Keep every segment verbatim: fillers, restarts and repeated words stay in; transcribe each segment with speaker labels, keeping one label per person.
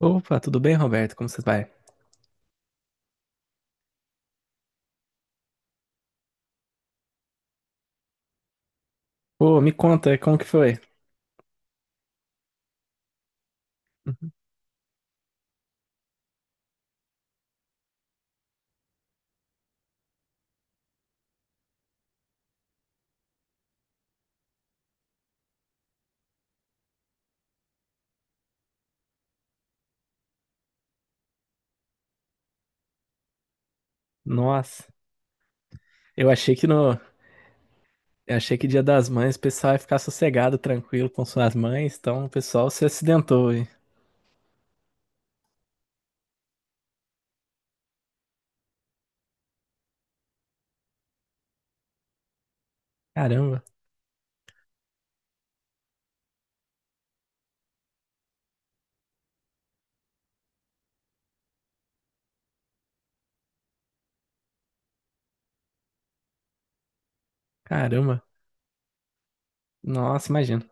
Speaker 1: Opa, tudo bem, Roberto? Como você vai? Pô, me conta, como que foi? Uhum. Nossa, eu achei que no, eu achei que Dia das Mães o pessoal ia ficar sossegado, tranquilo com suas mães, então o pessoal se acidentou, hein? Caramba, caramba. Nossa, imagina.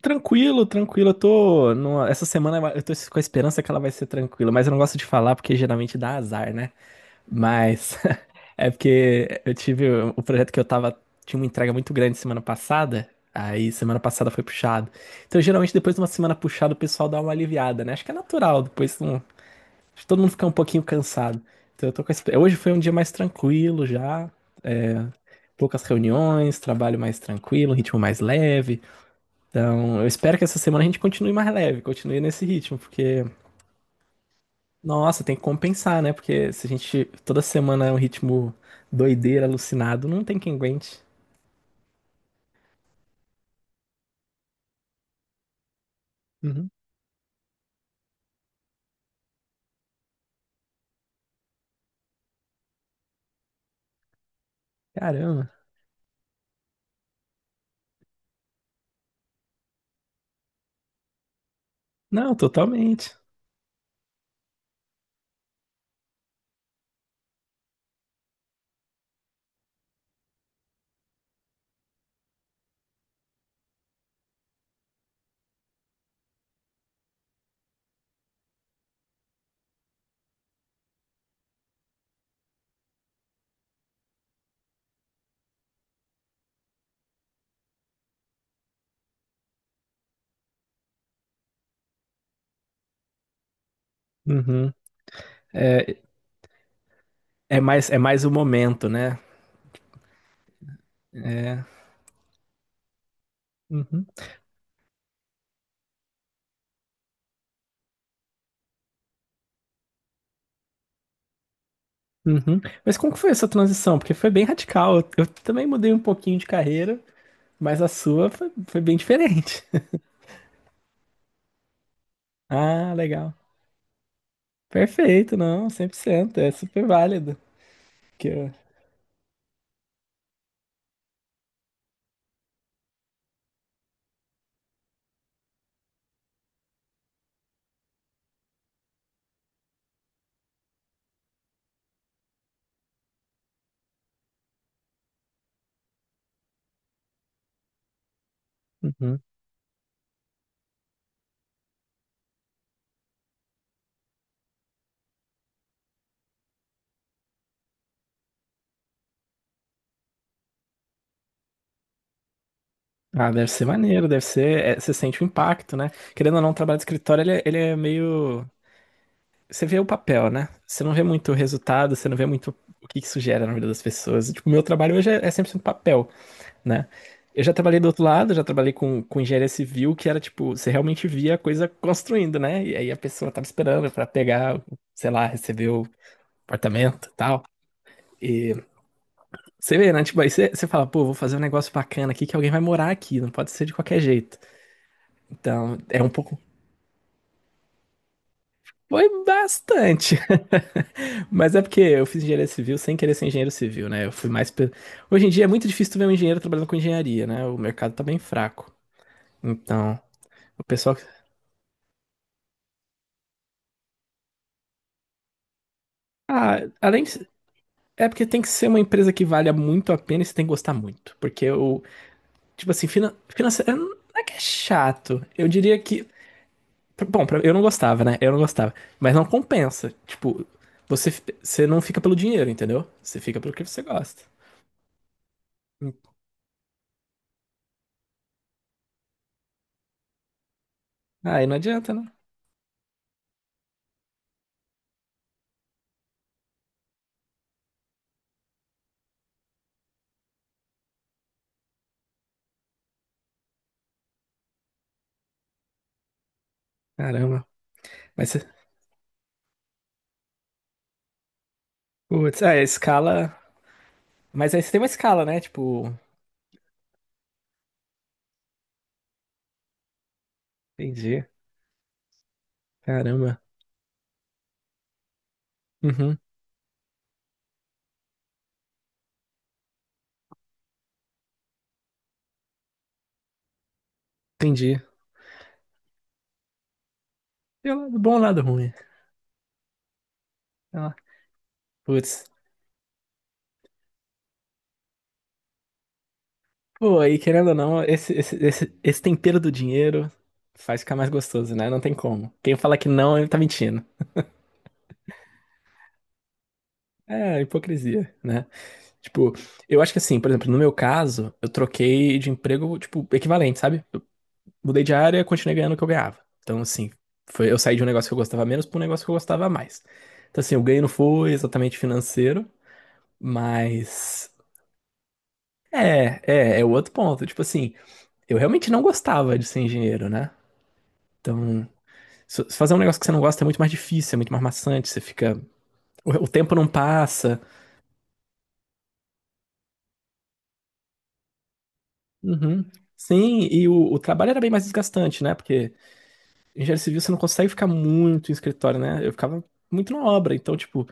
Speaker 1: Tranquilo, tranquilo. Eu tô numa- essa semana eu tô com a esperança que ela vai ser tranquila, mas eu não gosto de falar porque geralmente dá azar, né? Mas é porque eu tive o projeto que eu tava. Tinha uma entrega muito grande semana passada. Aí semana passada foi puxado. Então, geralmente, depois de uma semana puxada, o pessoal dá uma aliviada, né? Acho que é natural, depois não- acho que todo mundo fica um pouquinho cansado. Então eu tô com esse... Hoje foi um dia mais tranquilo já. Poucas reuniões, trabalho mais tranquilo, ritmo mais leve. Então, eu espero que essa semana a gente continue mais leve, continue nesse ritmo, porque, nossa, tem que compensar, né? Porque se a gente toda semana é um ritmo doideira, alucinado, não tem quem aguente. Caramba. Não, totalmente. Uhum. É, é mais, é mais o momento, né? É. Uhum. Uhum. Mas como que foi essa transição? Porque foi bem radical. Eu, eu também mudei um pouquinho de carreira, mas a sua foi, foi bem diferente. Ah, legal. Perfeito, não, cem por cento, é super válido. Que, eu- uhum. Ah, deve ser maneiro, deve ser. É, você sente o impacto, né? Querendo ou não, o trabalho de escritório ele, é ele é meio. Você vê o papel, né? Você não vê muito o resultado, você não vê muito o que isso gera na vida das pessoas. Tipo, o meu trabalho hoje é é cem por cento papel, né? Eu já trabalhei do outro lado, já trabalhei com, com engenharia civil, que era tipo, você realmente via a coisa construindo, né? E aí a pessoa tava esperando pra pegar, sei lá, receber o apartamento e tal. E você vê, né? Tipo, aí você, você fala, pô, vou fazer um negócio bacana aqui que alguém vai morar aqui, não pode ser de qualquer jeito. Então, é um pouco. Foi bastante. Mas é porque eu fiz engenharia civil sem querer ser engenheiro civil, né? Eu fui mais. Pe- Hoje em dia é muito difícil tu ver um engenheiro trabalhando com engenharia, né? O mercado tá bem fraco. Então, o pessoal. Que- Ah, além de... É porque tem que ser uma empresa que valha muito a pena e você tem que gostar muito. Porque o. Tipo assim, finan... financeiro. Não é que é chato. Eu diria que. Bom, pra- eu não gostava, né? Eu não gostava. Mas não compensa. Tipo, você, você não fica pelo dinheiro, entendeu? Você fica pelo que você gosta. Aí não adianta, né? Caramba. Mas, cê- putz, é, a escala. Mas aí você tem uma escala, né? Tipo, entendi. Caramba. Uhum, entendi. Tem o lado bom e o lado ruim. Sei lá. Putz. Pô, aí querendo ou não, esse, esse, esse, esse tempero do dinheiro faz ficar mais gostoso, né? Não tem como. Quem fala que não, ele tá mentindo. É, hipocrisia, né? Tipo, eu acho que assim, por exemplo, no meu caso, eu troquei de emprego, tipo, equivalente, sabe? Mudei de área, continuei ganhando o que eu ganhava. Então, assim, foi, eu saí de um negócio que eu gostava menos para um negócio que eu gostava mais. Então, assim, o ganho não foi exatamente financeiro, mas. É, é, é o outro ponto. Tipo assim, eu realmente não gostava de ser engenheiro, né? Então, se- se fazer um negócio que você não gosta é muito mais difícil, é muito mais maçante, você fica. O, o tempo não passa. Uhum. Sim, e o, o trabalho era bem mais desgastante, né? Porque engenheiro civil você não consegue ficar muito em escritório, né? Eu ficava muito na obra, então, tipo,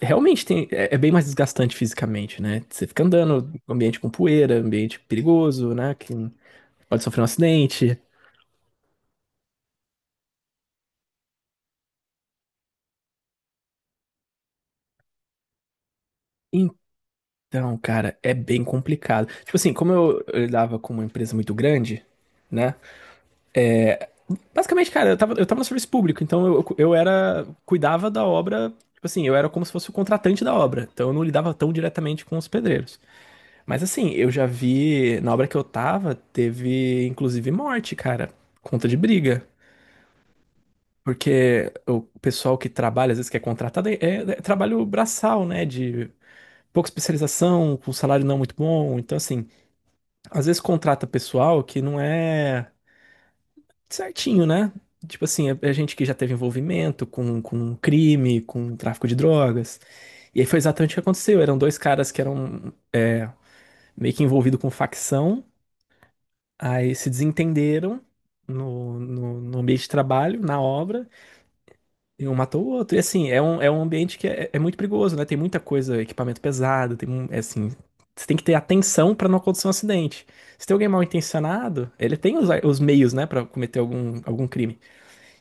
Speaker 1: realmente tem, é, é bem mais desgastante fisicamente, né? Você fica andando, ambiente com poeira, ambiente perigoso, né? Que pode sofrer um acidente. Então, cara, é bem complicado. Tipo assim, como eu, eu lidava com uma empresa muito grande, né? Basicamente, cara, eu tava, eu tava no serviço público, então eu, eu era, cuidava da obra, tipo assim, eu era como se fosse o contratante da obra, então eu não lidava tão diretamente com os pedreiros. Mas assim, eu já vi, na obra que eu tava, teve inclusive morte, cara, conta de briga. Porque o pessoal que trabalha, às vezes, que é contratado, é, é- é trabalho braçal, né? De pouca especialização, com salário não muito bom. Então, assim, às vezes contrata pessoal que não é certinho, né? Tipo assim, é, é gente que já teve envolvimento com, com crime, com tráfico de drogas. E aí foi exatamente o que aconteceu. Eram dois caras que eram é, meio que envolvidos com facção, aí se desentenderam no, no, no ambiente de trabalho, na obra. E um matou o outro. E assim, é um, é um ambiente que é, é muito perigoso, né? Tem muita coisa, equipamento pesado, tem um, é assim, você tem que ter atenção pra não acontecer um acidente. Se tem alguém mal intencionado, ele tem os, os meios, né, pra cometer algum, algum crime.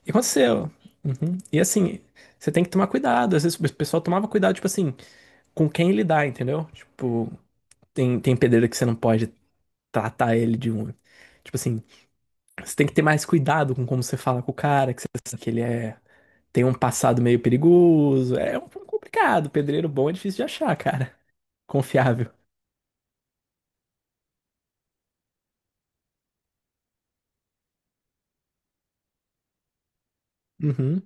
Speaker 1: E aconteceu. Uhum. E assim, você tem que tomar cuidado. Às vezes o pessoal tomava cuidado, tipo assim, com quem lidar, entendeu? Tipo, tem, tem pedreiro que você não pode tratar ele de um. Tipo assim, você tem que ter mais cuidado com como você fala com o cara, que você sabe que ele é tem um passado meio perigoso. É um pouco complicado. Pedreiro bom é difícil de achar, cara. Confiável. Uhum,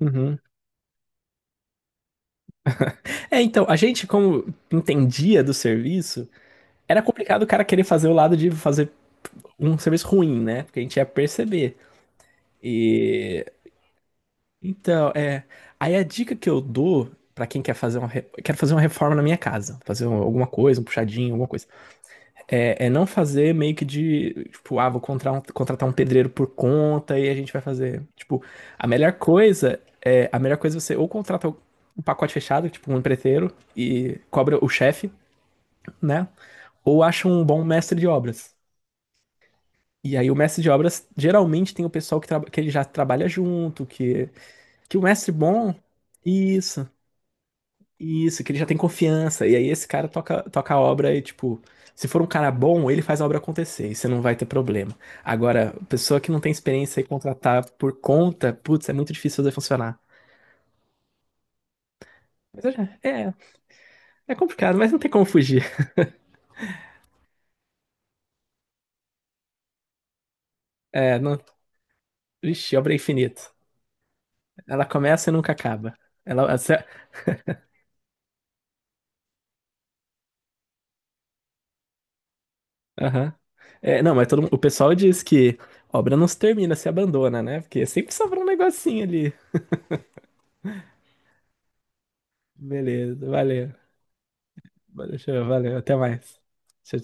Speaker 1: uhum. É, então, a gente, como entendia do serviço, era complicado o cara querer fazer o lado de fazer um serviço ruim, né? Porque a gente ia perceber. E. Então, é. Aí a dica que eu dou pra quem quer fazer uma. Re- Quero fazer uma reforma na minha casa. Fazer um- alguma coisa, um puxadinho, alguma coisa. É, é não fazer meio que de, tipo, ah, vou contratar um, contratar um pedreiro por conta e a gente vai fazer. Tipo, a melhor coisa é, a melhor coisa é você ou contrata um pacote fechado, tipo um empreiteiro, e cobra o chefe, né? Ou acha um bom mestre de obras. E aí o mestre de obras geralmente tem o pessoal que, traba- que ele já trabalha junto, que, que o mestre bom. Isso. Isso, que ele já tem confiança. E aí esse cara toca, toca a obra e, tipo, se for um cara bom, ele faz a obra acontecer e você não vai ter problema. Agora, pessoa que não tem experiência e contratar por conta, putz, é muito difícil fazer funcionar. Mas eu já- é, é complicado, mas não tem como fugir. É, não, vixe, obra é infinita. Ela começa e nunca acaba. Ela, essa- aham. É, não, mas todo, mundo- o pessoal diz que obra não se termina, se abandona, né? Porque sempre sobra um negocinho ali. Beleza, valeu. Valeu, valeu, até mais. Tchau,